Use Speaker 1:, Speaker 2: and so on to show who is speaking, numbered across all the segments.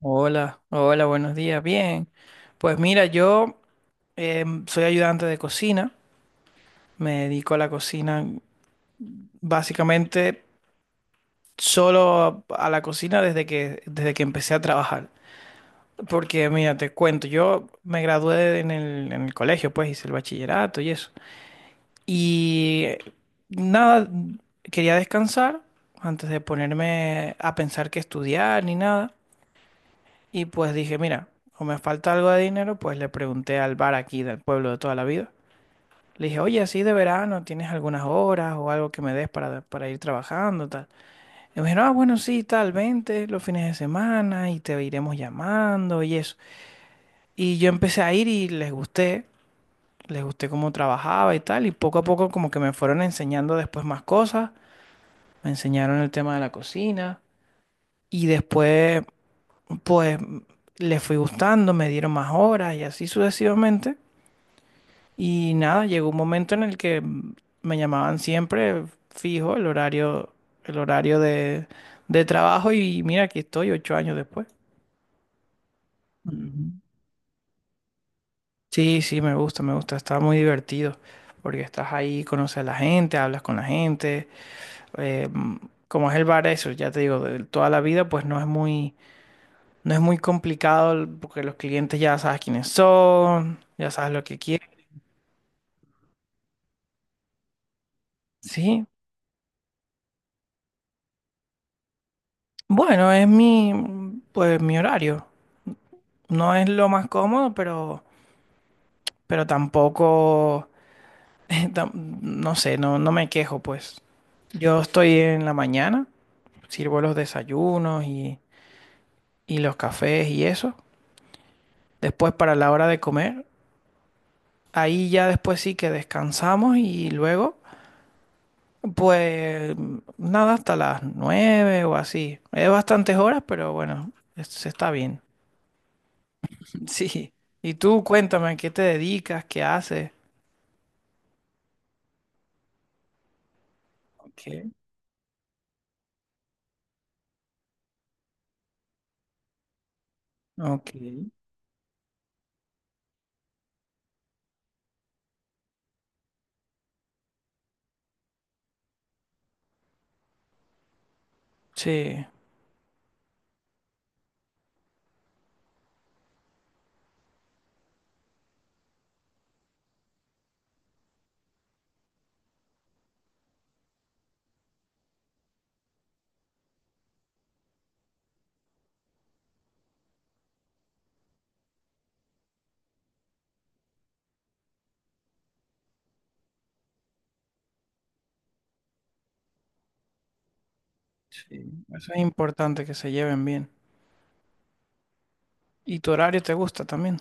Speaker 1: Hola, hola, buenos días. Bien, pues mira, yo soy ayudante de cocina, me dedico a la cocina básicamente solo a la cocina desde que empecé a trabajar. Porque mira, te cuento, yo me gradué en el colegio, pues hice el bachillerato y eso. Y eh, Nada, quería descansar antes de ponerme a pensar que estudiar ni nada. Y pues dije, mira, o me falta algo de dinero, pues le pregunté al bar aquí del pueblo de toda la vida. Le dije, oye, así de verano, ¿tienes algunas horas o algo que me des para ir trabajando, tal? Y me dijeron, ah, bueno, sí, tal, vente los fines de semana y te iremos llamando y eso. Y yo empecé a ir y les gusté cómo trabajaba y tal, y poco a poco como que me fueron enseñando después más cosas, me enseñaron el tema de la cocina. Y después pues le fui gustando, me dieron más horas y así sucesivamente. Y nada, llegó un momento en el que me llamaban siempre fijo el horario, el horario de, de trabajo y mira, aquí estoy 8 años después. Ujú. Sí, sí, me gusta, está muy divertido porque estás ahí, conoces a la gente, hablas con la gente. eh, mm, Como es el bar, eso, ya te digo, de toda la vida, pues no es muy complicado porque los clientes ya sabes quiénes son, ya sabes lo que quieren. Sí, bueno, pues mi horario. No es lo más cómodo, pero tampoco, no sé, no, no me quejo, pues. Yo estoy en la mañana, sirvo los desayunos y los cafés y eso. Después para la hora de comer, ahí ya después sí que descansamos y luego, pues nada, hasta las 9 o así. Es bastantes horas, pero bueno, se está bien. Sí. Y tú cuéntame, ¿a qué te dedicas? ¿Qué haces? Ok, ok. Sí, sí, eso es importante que se lleven bien. ¿Y tu horario te gusta también?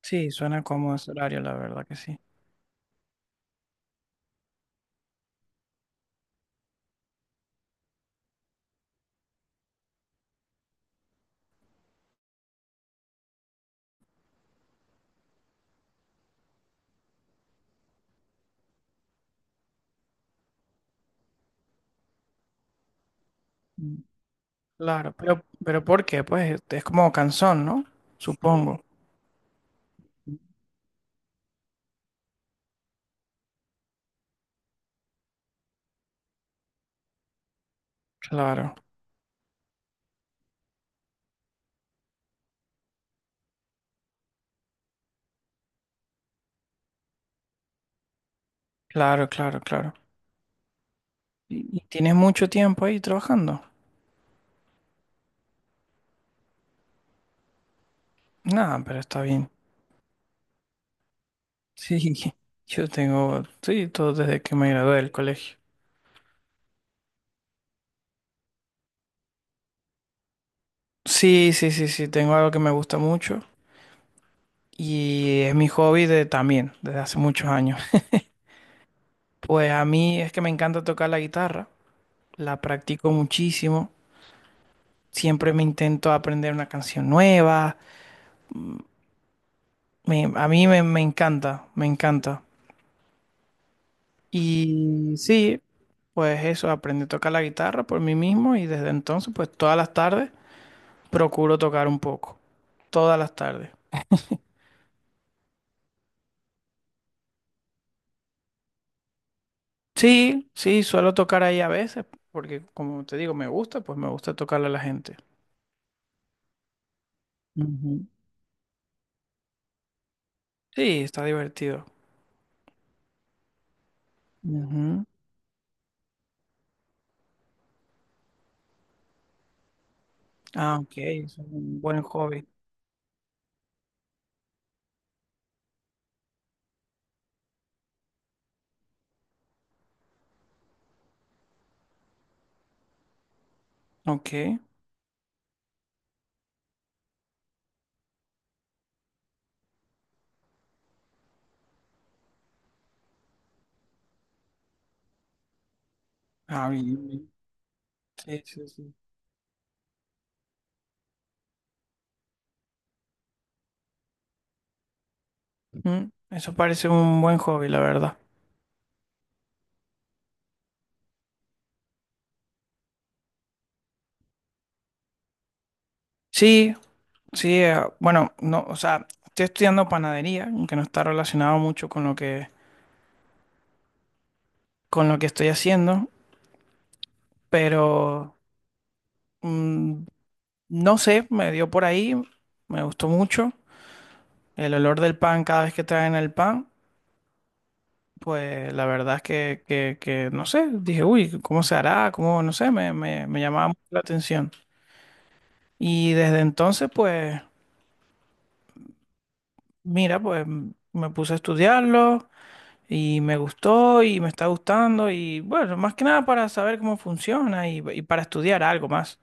Speaker 1: Sí, suena cómodo ese horario, la verdad que sí. Mm. Claro, pero ¿por qué? Pues este, es como cansón, ¿no? Supongo. Claro, claro, claro, claro. ¿Y tienes mucho tiempo ahí trabajando? Nada, pero está bien. Sí, yo tengo, sí, todo desde que me gradué del colegio. Sí, sí, sí, sí, tengo algo que me gusta mucho. Y es mi hobby de, también, desde hace muchos años. Pues a mí es que me encanta tocar la guitarra, la practico muchísimo, siempre me intento aprender una canción nueva, a mí me, me encanta, me encanta. Y sí, pues eso, aprendí a tocar la guitarra por mí mismo y desde entonces, pues todas las tardes procuro tocar un poco, todas las tardes. Sí, sí, suelo tocar ahí a veces, porque como te digo, me gusta, pues me gusta tocarle a la gente. Ujú. Sí, está divertido. Ujú. Ah, ok, es un buen hobby. Ok. Ah, bien, bien. Sí, sí, sí. Mm, eso parece un buen hobby, la verdad. Sí, sí, bueno, no, o sea, estoy estudiando panadería, aunque no está relacionado mucho con lo que estoy haciendo, pero mm, no sé, me dio por ahí, me gustó mucho el olor del pan cada vez que traen el pan. Pues la verdad es que, que no sé, dije, uy, ¿cómo se hará? ¿Cómo? No sé, me, me llamaba mucho la atención. Y desde entonces, pues, mira, pues me puse a estudiarlo y me gustó y me está gustando y bueno, más que nada para saber cómo funciona y para estudiar algo más.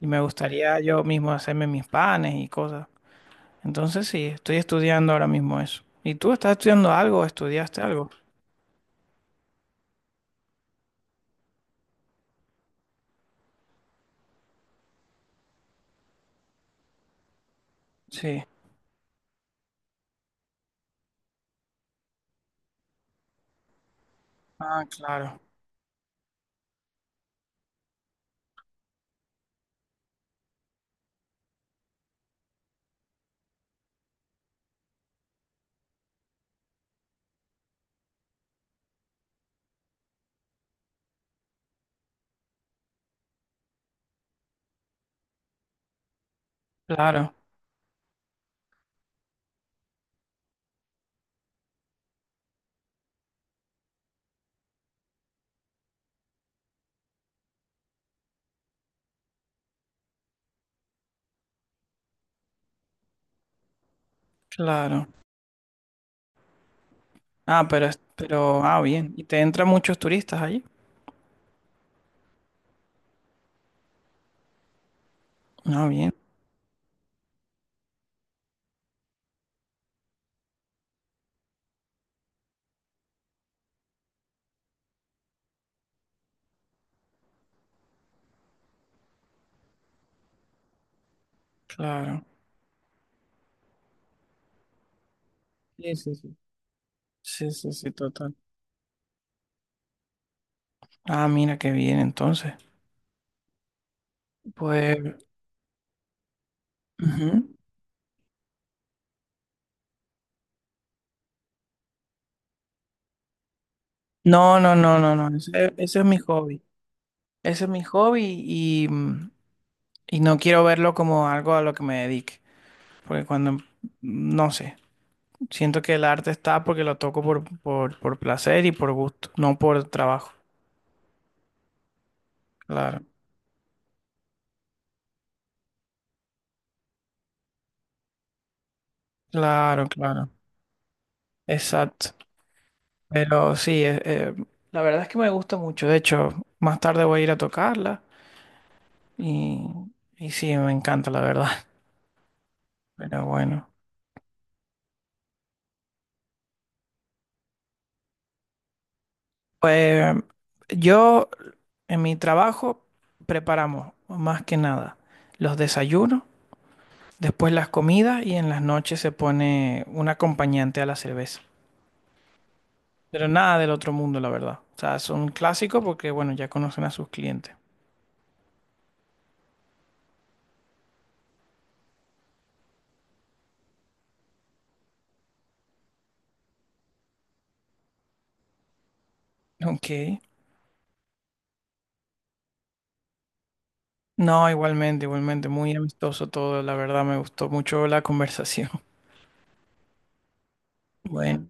Speaker 1: Y me gustaría yo mismo hacerme mis panes y cosas. Entonces sí, estoy estudiando ahora mismo eso. ¿Y tú estás estudiando algo? ¿Estudiaste algo? Sí. Ah, claro, claro, claro. Ah, pero, pero, ah, bien. ¿Y te entran muchos turistas allí? Ah, bien, claro. Sí, sí, sí. Sí, sí, sí, total. Ah, mira qué bien, entonces. Pues, ujú. No, no, no, no, no. Ese es mi hobby. Ese es mi hobby y, y no quiero verlo como algo a lo que me dedique. Porque cuando, no sé, siento que el arte está porque lo toco por placer y por gusto, no por trabajo. Claro, claro, claro. Exacto. Pero sí, la verdad es que me gusta mucho. De hecho, más tarde voy a ir a tocarla y, y sí, me encanta, la verdad. Pero bueno, pues yo en mi trabajo preparamos más que nada los desayunos, después las comidas y en las noches se pone un acompañante a la cerveza. Pero nada del otro mundo, la verdad. O sea, son clásicos porque, bueno, ya conocen a sus clientes. Ok. No, igualmente, igualmente, muy amistoso todo, la verdad me gustó mucho la conversación. Bueno,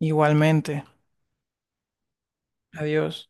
Speaker 1: igualmente, adiós.